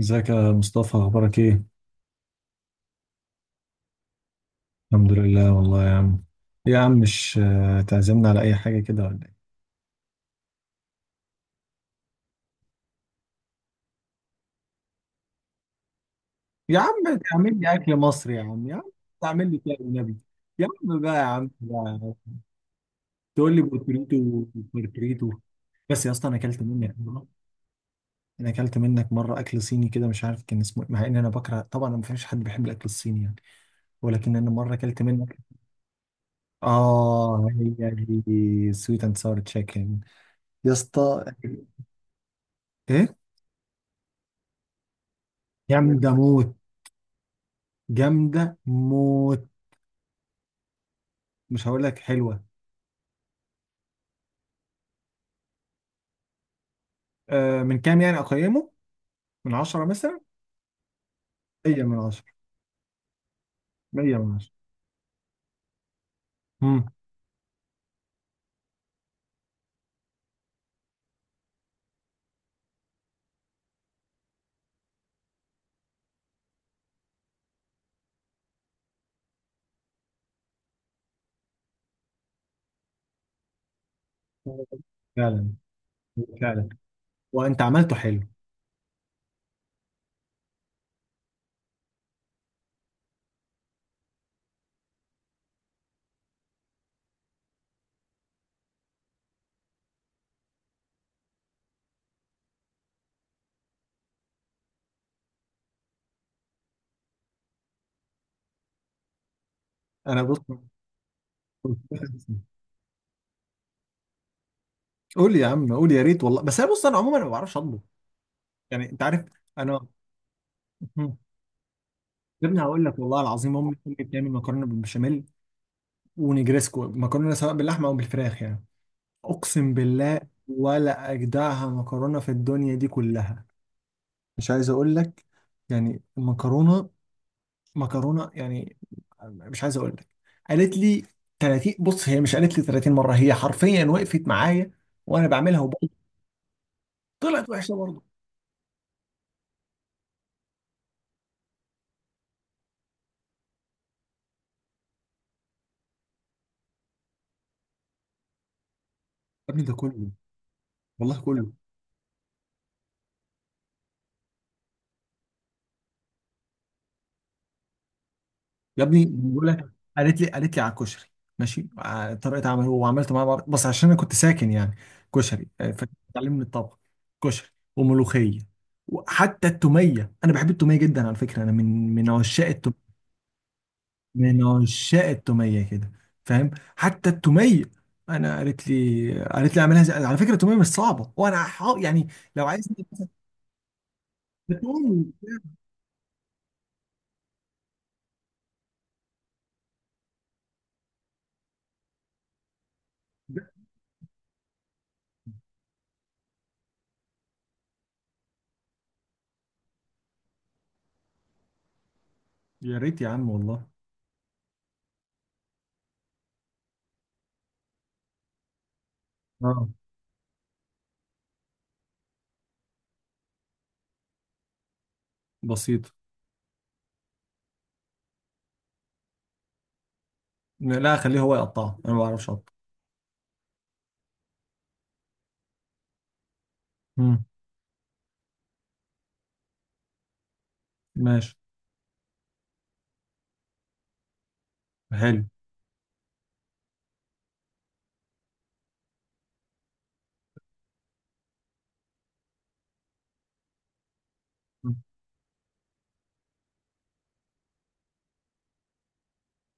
ازيك يا مصطفى اخبارك ايه؟ الحمد لله والله يا عم. يا عم، مش تعزمنا على اي حاجه كده ولا ايه؟ يا عم تعمل لي اكل مصري يا عم يا عم. تعمل لي كده بالنبي. يا عم بقى يا عم بقى. تقول لي بورتريتو بورتريتو؟ بس يا اسطى انا اكلت منك مره. انا اكلت منك مره اكل صيني كده مش عارف كان اسمه إيه، مع ان انا بكره طبعا، ما فيش حد بيحب الاكل الصيني يعني. ولكن انا مره اكلت منك. اه هي دي سويت اند ساور تشيكن. يا اسطى ايه؟ يا عم ده موت. جامدة موت. مش هقول لك حلوة. من كام يعني أقيمه؟ من عشرة مثلا؟ مية من عشرة. مية من عشرة. مم. فعلا. فعلا. وأنت عملته حلو. أنا بص. قول يا عم قول يا ريت والله. بس أنا بص، أنا عموما ما بعرفش أطبخ، يعني أنت عارف. أنا. مم. يا ابني هقول لك والله العظيم، أمي بتعمل مكرونة بالبشاميل ونجريسكو، مكرونة سواء باللحمة أو بالفراخ يعني. أقسم بالله ولا أجدعها مكرونة في الدنيا دي كلها. مش عايز اقول لك يعني المكرونه، مكرونه يعني، مش عايز اقول لك. قالت لي 30، بص هي مش قالت لي 30 مره، هي حرفيا وقفت معايا وانا بعملها وبرضه طلعت وحشه برضه. يا ابني ده كله، والله كله. يا ابني بقول لك، قالت لي على الكشري، ماشي على طريقه عمله وعملت معاه بس عشان انا كنت ساكن يعني كشري، فتعلمني الطبخ. كشري وملوخيه، وحتى التوميه. انا بحب التوميه جدا على فكره، انا من عشاق، من عشاق التوميه كده، فاهم؟ حتى التوميه انا قالت لي اعملها زي... على فكره التوميه مش صعبه، يعني لو عايز. يا ريت يا عم والله. اه بسيط. لا خليه هو يقطعه، انا ما بعرفش اقطع. مم. ماشي. حلو.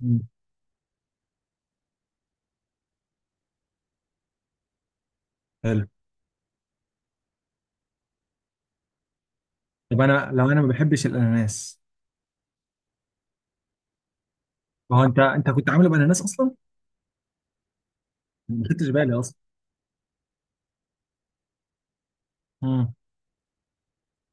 مم. حلو. طب انا لو انا ما بحبش الاناناس؟ ما هو انت انت كنت عامله باناناس اصلا، ما خدتش بالي اصلا. مم.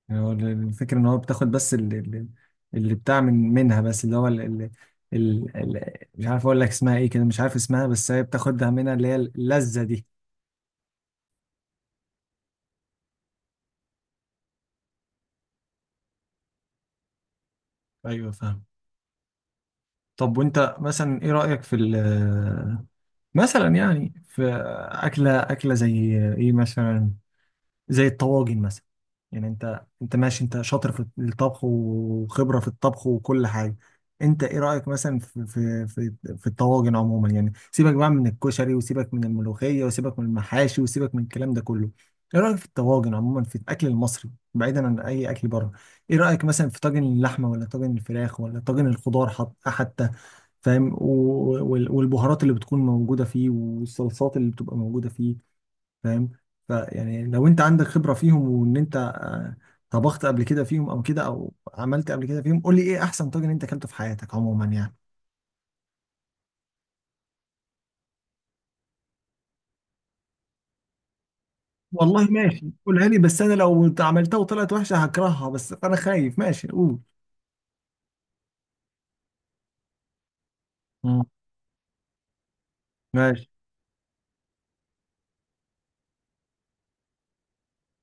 يعني هو الفكرة ان هو بتاخد بس اللي، اللي بتاع من منها، بس اللي هو اللي، اللي مش عارف اقول لك اسمها ايه كده، مش عارف اسمها، بس هي بتاخدها منها اللي هي اللذة دي. ايوه فاهم. طب وانت مثلا ايه رأيك في مثلا يعني في اكلة زي ايه مثلا، زي الطواجن مثلا؟ يعني انت انت ماشي، انت شاطر في الطبخ وخبرة في الطبخ وكل حاجة. انت ايه رأيك مثلا في في الطواجن عموما؟ يعني سيبك بقى من الكشري وسيبك من الملوخية وسيبك من المحاشي وسيبك من الكلام ده كله. ايه رأيك في الطواجن عموما، في الاكل المصري بعيدا عن اي اكل بره؟ ايه رأيك مثلا في طاجن اللحمة ولا طاجن الفراخ ولا طاجن الخضار؟ حط حتى، فاهم؟ والبهارات اللي بتكون موجودة فيه، والصلصات اللي بتبقى موجودة فيه، فاهم؟ فيعني لو انت عندك خبرة فيهم وان انت طبخت قبل كده فيهم، او كده، او عملت قبل كده فيهم، قول لي ايه احسن طاجن انت اكلته في حياتك عموما يعني. والله ماشي، قولها لي، بس انا لو عملتها وطلعت وحشة هكرهها، بس انا خايف. ماشي قول. مم. ماشي.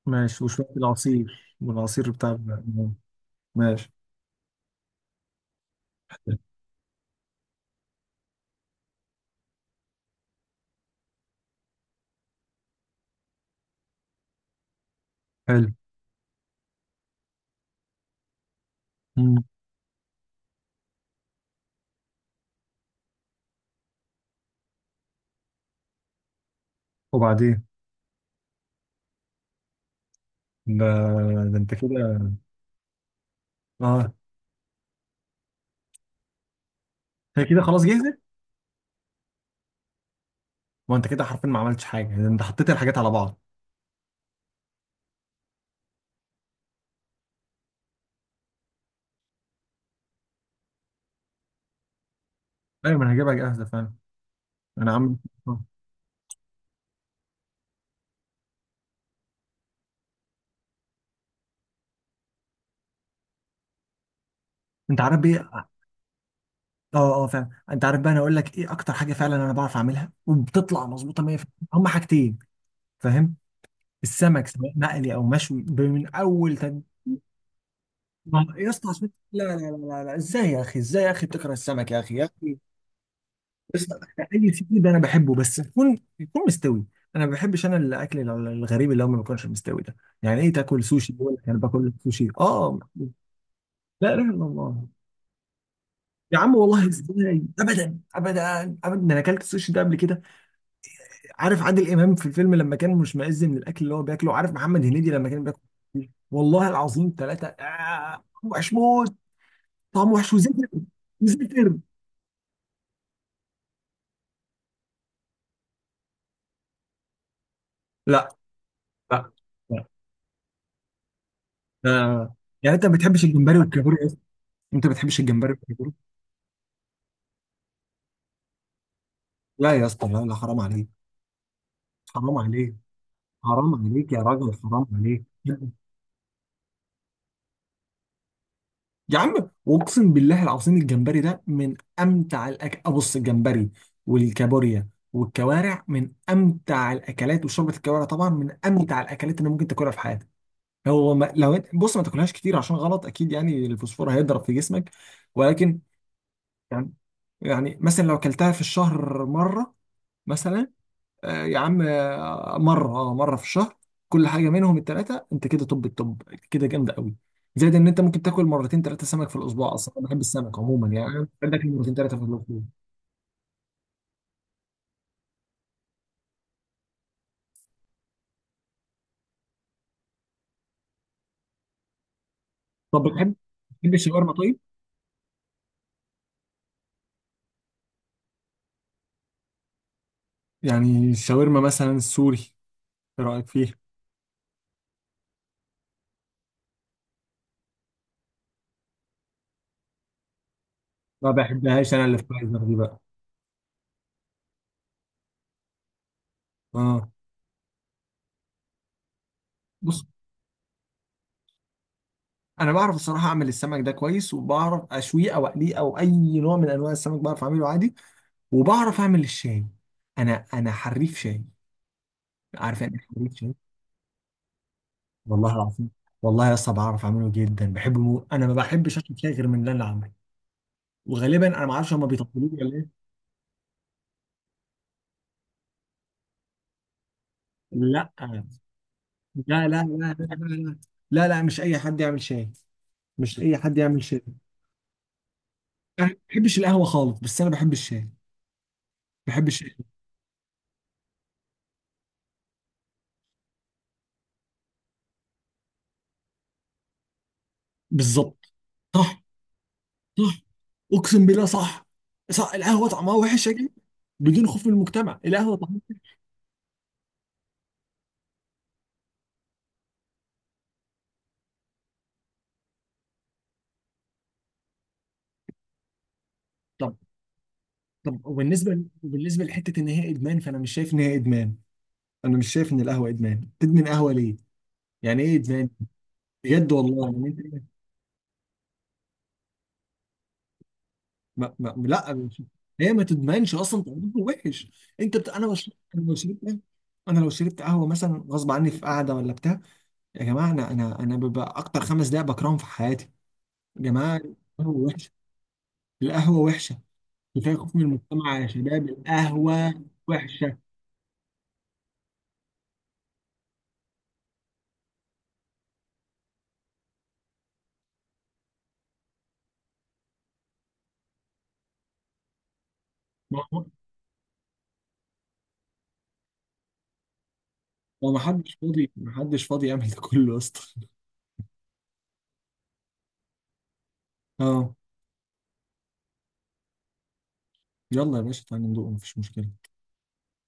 ماشي وشوية العصير، والعصير بتاع ماشي. حلو. مم. وبعدين، ده, ده انت كده. اه هي كده خلاص جاهزة. ما انت كده حرفيا ما عملتش حاجة، ده انت حطيت الحاجات على بعض. ايوه ما انا هجيبها جاهزة فعلا. انا عامل. انت عارف ايه؟ اه اه فعلا، انت عارف بقى، انا اقول لك ايه اكتر حاجه فعلا انا بعرف اعملها وبتطلع مظبوطه 100%؟ هم حاجتين، فاهم؟ السمك سواء مقلي او مشوي، من اول يا اسطى لا، ازاي يا اخي؟ ازاي يا اخي بتكره السمك يا اخي يا اخي؟ بس اي سي فود انا بحبه، بس يكون يكون مستوي. انا ما بحبش انا الاكل الغريب اللي هو ما بيكونش مستوي ده. يعني ايه تاكل سوشي؟ بقول لك انا باكل سوشي؟ اه لا. لا لا الله. يا عم والله ازاي، ابدا ابدا ابدا، انا اكلت السوشي ده قبل كده. عارف عادل امام في الفيلم لما كان مشمئز من الاكل اللي هو بياكله؟ عارف محمد هنيدي لما كان بياكل؟ والله العظيم ثلاثه وحش موت، طعم وحش وزفر. وزفر. لا لا لا. آه. يعني انت ما بتحبش الجمبري والكابوري يا اسطى؟ انت ما بتحبش الجمبري والكابوري؟ لا يا اسطى لا لا، حرام عليك. حرام عليك، حرام عليك يا راجل، حرام عليك. يا عم واقسم بالله العظيم، الجمبري ده من امتع الاكل. ابص، الجمبري والكابوريا والكوارع من امتع الاكلات، وشوربه الكوارع طبعا من امتع الاكلات اللي ممكن تاكلها في حياتك. هو ما لو بص ما تاكلهاش كتير عشان غلط اكيد يعني الفوسفور هيضرب في جسمك، ولكن يعني، يعني مثلا لو اكلتها في الشهر مره مثلا، يا عم، مرة، اه مرة في الشهر، كل حاجة منهم التلاتة، انت كده طب الطب كده جامدة قوي. زائد ان انت ممكن تاكل مرتين تلاتة سمك في الاسبوع، اصلا انا بحب السمك عموما يعني، عندك مرتين تلاتة في الاسبوع. طب بتحب، بتحب الشاورما طيب؟ يعني الشاورما مثلا السوري، ايه رأيك فيه؟ ما بحبهاش انا اللي في فايزر دي بقى. اه بص، انا بعرف الصراحه اعمل السمك ده كويس، وبعرف اشويه او اقليه او اي نوع من انواع السمك بعرف اعمله عادي. وبعرف اعمل الشاي. انا حريف شاي. عارف يعني إيه حريف شاي؟ والله العظيم. والله يا اسطى بعرف اعمله جدا، بحبه انا ما بحبش اكل فيها غير من اللي انا عامله، وغالبا انا ما اعرفش هم بيطبلوه ولا ايه. لا لا لا لا. لا لا لا لا، مش اي حد يعمل شاي. مش اي حد يعمل شاي. انا ما بحبش القهوه خالص، بس انا بحب الشاي. بحب الشاي. بالظبط. صح. صح. اقسم بالله صح. صح، القهوه طعمها وحش يا جدع. بدون خوف من المجتمع، القهوه طعمها وحش. طب، طب وبالنسبه، وبالنسبه لحته ان هي ادمان، فانا مش شايف ان هي ادمان. انا مش شايف ان القهوه ادمان. تدمن قهوه ليه؟ يعني ايه ادمان؟ بجد والله يعني انت. ما ما لا هي ما تدمنش اصلا، تقليده وحش. انا لو شربت، انا لو شربت قهوه مثلا غصب عني في قعده ولا بتاع، يا جماعه انا انا ببقى اكتر خمس دقائق بكرههم في حياتي، يا جماعه. القهوه وحشه. القهوه وحشه. كفايه خوف من المجتمع يا شباب، القهوه وحشه. ما هو هو، ما حدش فاضي، ما حدش فاضي يعمل ده كله اصلا. اه. يلا يا باشا تعالى ندوق، مفيش مشكله.